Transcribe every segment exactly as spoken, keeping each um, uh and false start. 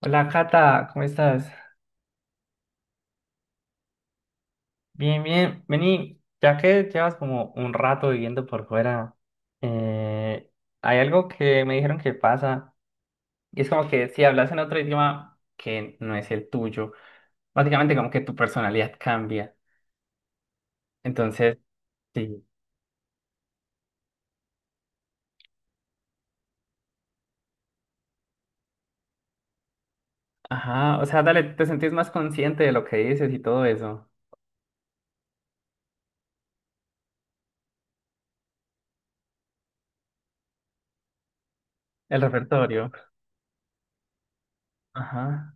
Hola Cata, ¿cómo estás? Bien, bien. Vení, ya que llevas como un rato viviendo por fuera, eh, hay algo que me dijeron que pasa y es como que si hablas en otro idioma que no es el tuyo, básicamente como que tu personalidad cambia. Entonces, sí. Ajá, o sea, dale, te sentís más consciente de lo que dices y todo eso. El repertorio. Ajá,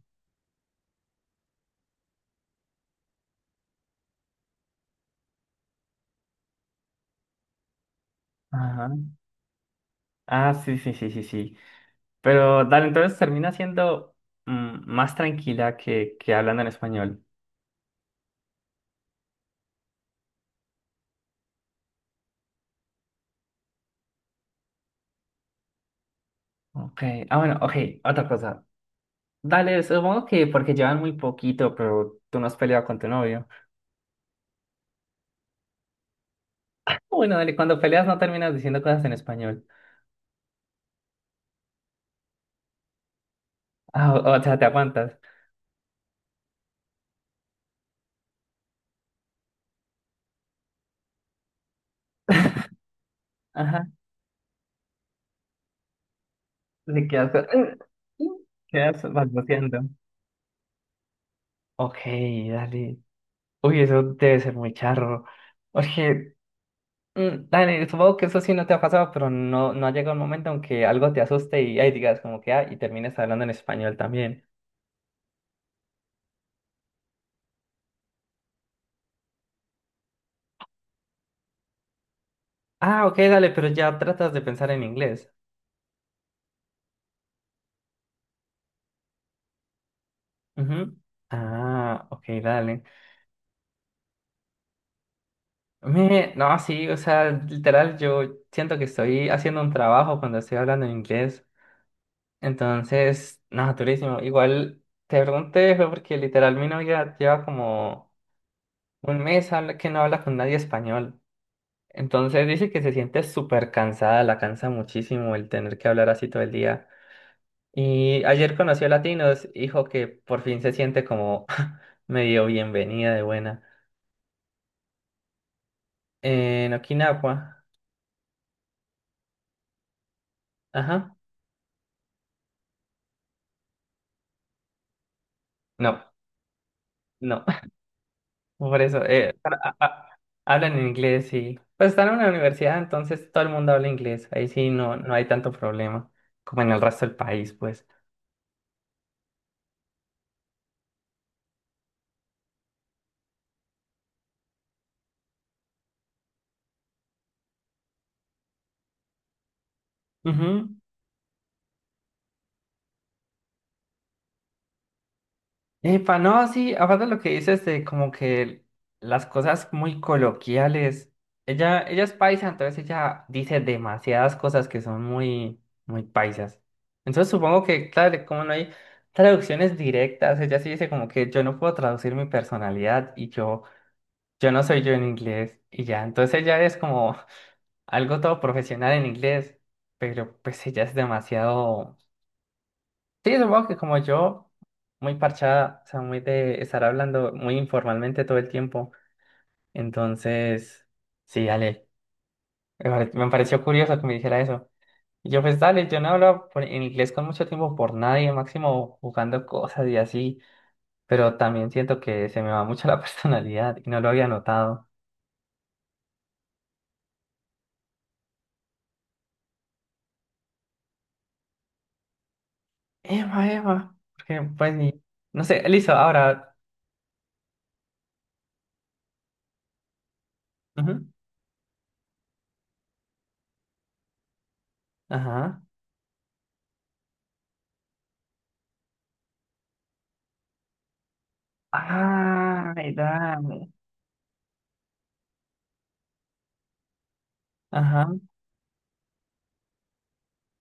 ajá. Ah, sí, sí, sí, sí, sí. Pero dale, entonces termina siendo mm, más tranquila que, que hablando en español. Ok, ah, bueno, ok, otra cosa. Dale, supongo que porque llevan muy poquito, pero tú no has peleado con tu novio. Ah, bueno, dale, cuando peleas no terminas diciendo cosas en español. Ah, o, o sea, te aguantas. Ajá, te quedas, con- quedas balbuceando. Ok, dale. Uy, eso debe ser muy charro. Oye, Mm, dale, supongo que eso sí no te ha pasado, pero no, no ha llegado el momento en que algo te asuste y ahí digas como que, ah, y termines hablando en español también. Ah, ok, dale, pero ya tratas de pensar en inglés. Ujú. Ah, ok, dale. Me, no, sí, o sea, literal, yo siento que estoy haciendo un trabajo cuando estoy hablando en inglés. Entonces, no, durísimo. Igual te pregunté, fue porque literal mi novia lleva como un mes habla- que no habla con nadie español. Entonces dice que se siente súper cansada, la cansa muchísimo el tener que hablar así todo el día. Y ayer conoció a Latinos, dijo que por fin se siente como medio bienvenida de buena. En Okinawa, ajá, no, no, por eso, eh, a- a- a- hablan en inglés y pues están en una universidad, entonces todo el mundo habla inglés, ahí sí no, no hay tanto problema, como en el resto del país, pues. Ujú. Epa, no, sí, aparte de lo que dices de como que las cosas muy coloquiales, ella, ella es paisa, entonces ella dice demasiadas cosas que son muy, muy paisas. Entonces supongo que, claro, como no hay traducciones directas, ella sí dice como que yo no puedo traducir mi personalidad y yo, yo no soy yo en inglés y ya, entonces ella es como algo todo profesional en inglés, pero pues ella es demasiado... Sí, supongo que como yo, muy parchada, o sea, muy de estar hablando muy informalmente todo el tiempo. Entonces, sí, dale. Me pare- me pareció curioso que me dijera eso. Y yo, pues dale, yo no hablo por- en inglés con mucho tiempo por nadie, máximo jugando cosas y así. Pero también siento que se me va mucho la personalidad y no lo había notado. Eva, Eva. Porque, pues, ni... no sé, listo, ahora. Ujú, ajá. Ah, verdad.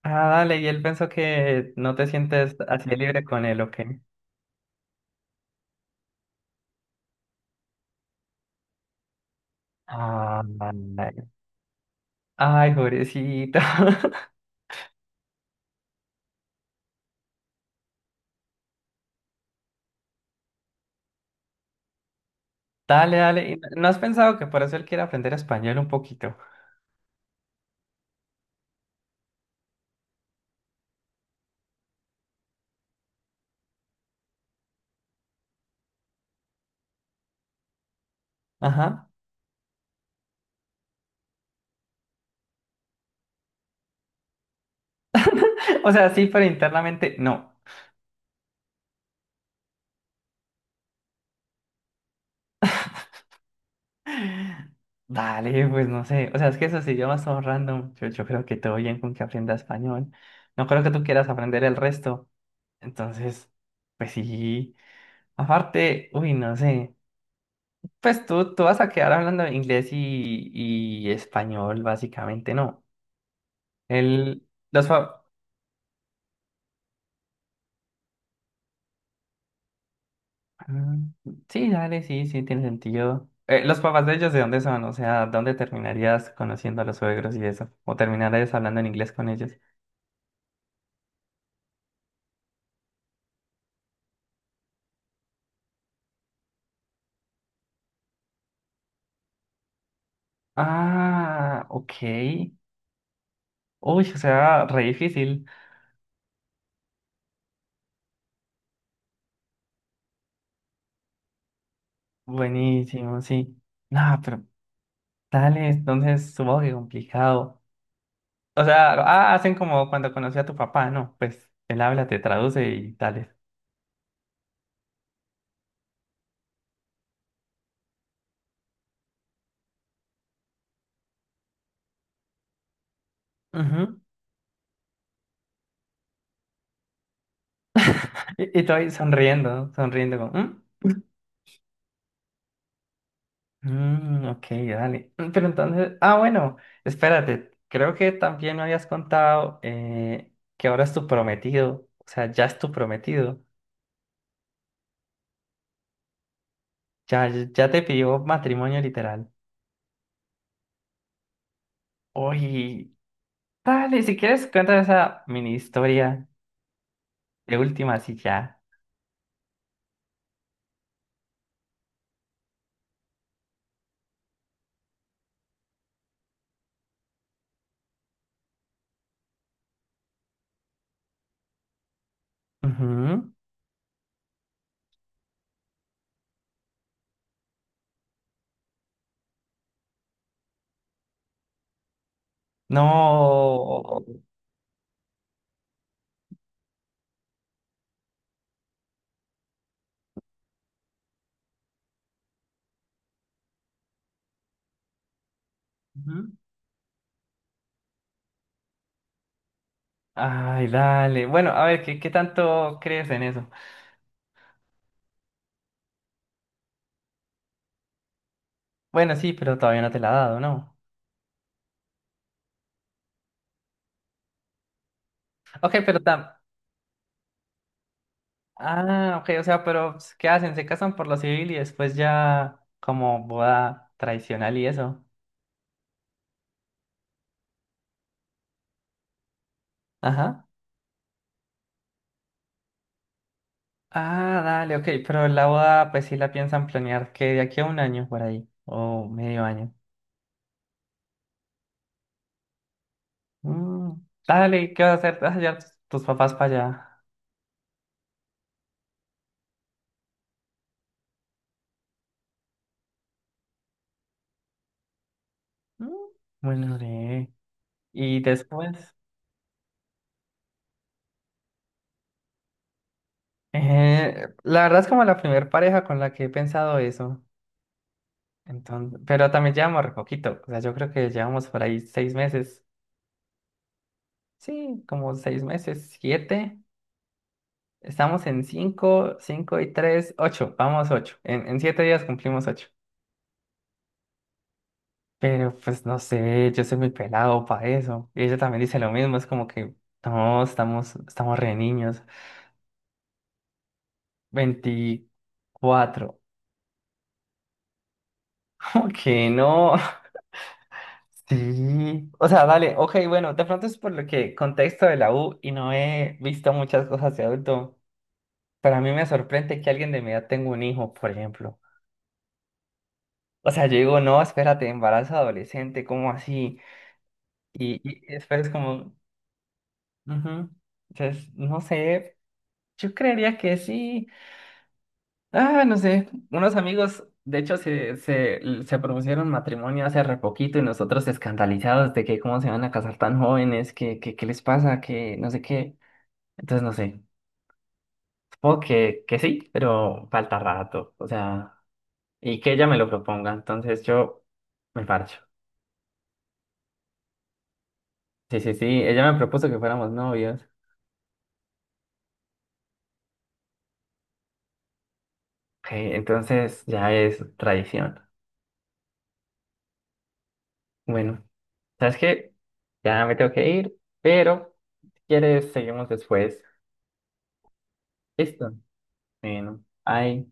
Ah, dale, y él pensó que no te sientes así de libre con él, ¿ok? Ah, dale. Ay, pobrecito. Dale, dale. ¿Y no no has pensado que por eso él quiere aprender español un poquito? Ajá. O sea, sí, pero internamente no. Dale, pues no sé. O sea, es que esos idiomas son random. Yo, yo creo que todo bien con que aprenda español. No creo que tú quieras aprender el resto. Entonces, pues sí. Aparte, uy, no sé. Pues tú, tú vas a quedar hablando inglés y, y español, básicamente, ¿no? El, los pa- Mm, Sí, dale, sí, sí, tiene sentido. Eh, ¿los papás de ellos de dónde son? O sea, ¿dónde terminarías conociendo a los suegros y eso? ¿O terminarías hablando en inglés con ellos? Ah, ok. Uy, o sea, re difícil. Buenísimo, sí. No, pero dale, entonces supongo que complicado. O sea, ah, hacen como cuando conocí a tu papá, ¿no? Pues él habla, te traduce y tal. Ujú. Y, y tú ahí sonriendo, sonriendo como, "Mm, mm, ok, dale." Mm, Pero entonces, ah, bueno, espérate, creo que también me habías contado eh, que ahora es tu prometido, o sea, ya es tu prometido, ya, ya te pidió matrimonio literal. Oye, dale, si quieres, cuéntame esa mini historia de última, así ya. Ujú. No. Ujú. Ay, dale. Bueno, a ver, ¿qué, qué tanto crees en eso? Bueno, sí, pero todavía no te la ha dado, ¿no? Ok, pero tam... Ah, ok, o sea, pero pues, ¿qué hacen? Se casan por lo civil y después ya como boda tradicional y eso. Ajá. Ah, dale, ok, pero la boda pues sí la piensan planear que de aquí a un año por ahí, o medio año. Mm, dale, ¿y qué vas a hacer? ¿Vas a llevar tus, tus papás para allá? Mm, bueno, re. Y después, eh, la verdad es como la primer pareja con la que he pensado eso. Entonces, pero también llevamos re poquito, o sea, yo creo que llevamos por ahí seis meses. Sí, como seis meses, siete. Estamos en cinco, cinco y tres, ocho. Vamos ocho. En, en siete días cumplimos ocho. Pero pues no sé, yo soy muy pelado para eso. Y ella también dice lo mismo, es como que no, estamos, estamos re niños. Veinticuatro. Como que no. Sí. O sea, dale, ok, bueno, de pronto es por lo que contexto de la U y no he visto muchas cosas de adulto. Para mí me sorprende que alguien de mi edad tenga un hijo, por ejemplo. O sea, yo digo, no, espérate, embarazo adolescente, ¿cómo así? Y, y después es como, ujú. Entonces, no sé, yo creería que sí. Ah, no sé, unos amigos, de hecho, se, se, se propusieron matrimonio hace re poquito y nosotros escandalizados de que cómo se van a casar tan jóvenes, que, que, qué les pasa, que no sé qué. Entonces, no sé, supongo que, que sí, pero falta rato, o sea, y que ella me lo proponga, entonces yo me parcho. Sí, sí, sí, ella me propuso que fuéramos novios. Ok, entonces ya es tradición. Bueno, ¿sabes qué? Ya me tengo que ir, pero si quieres, seguimos después. Listo. Bueno, bye.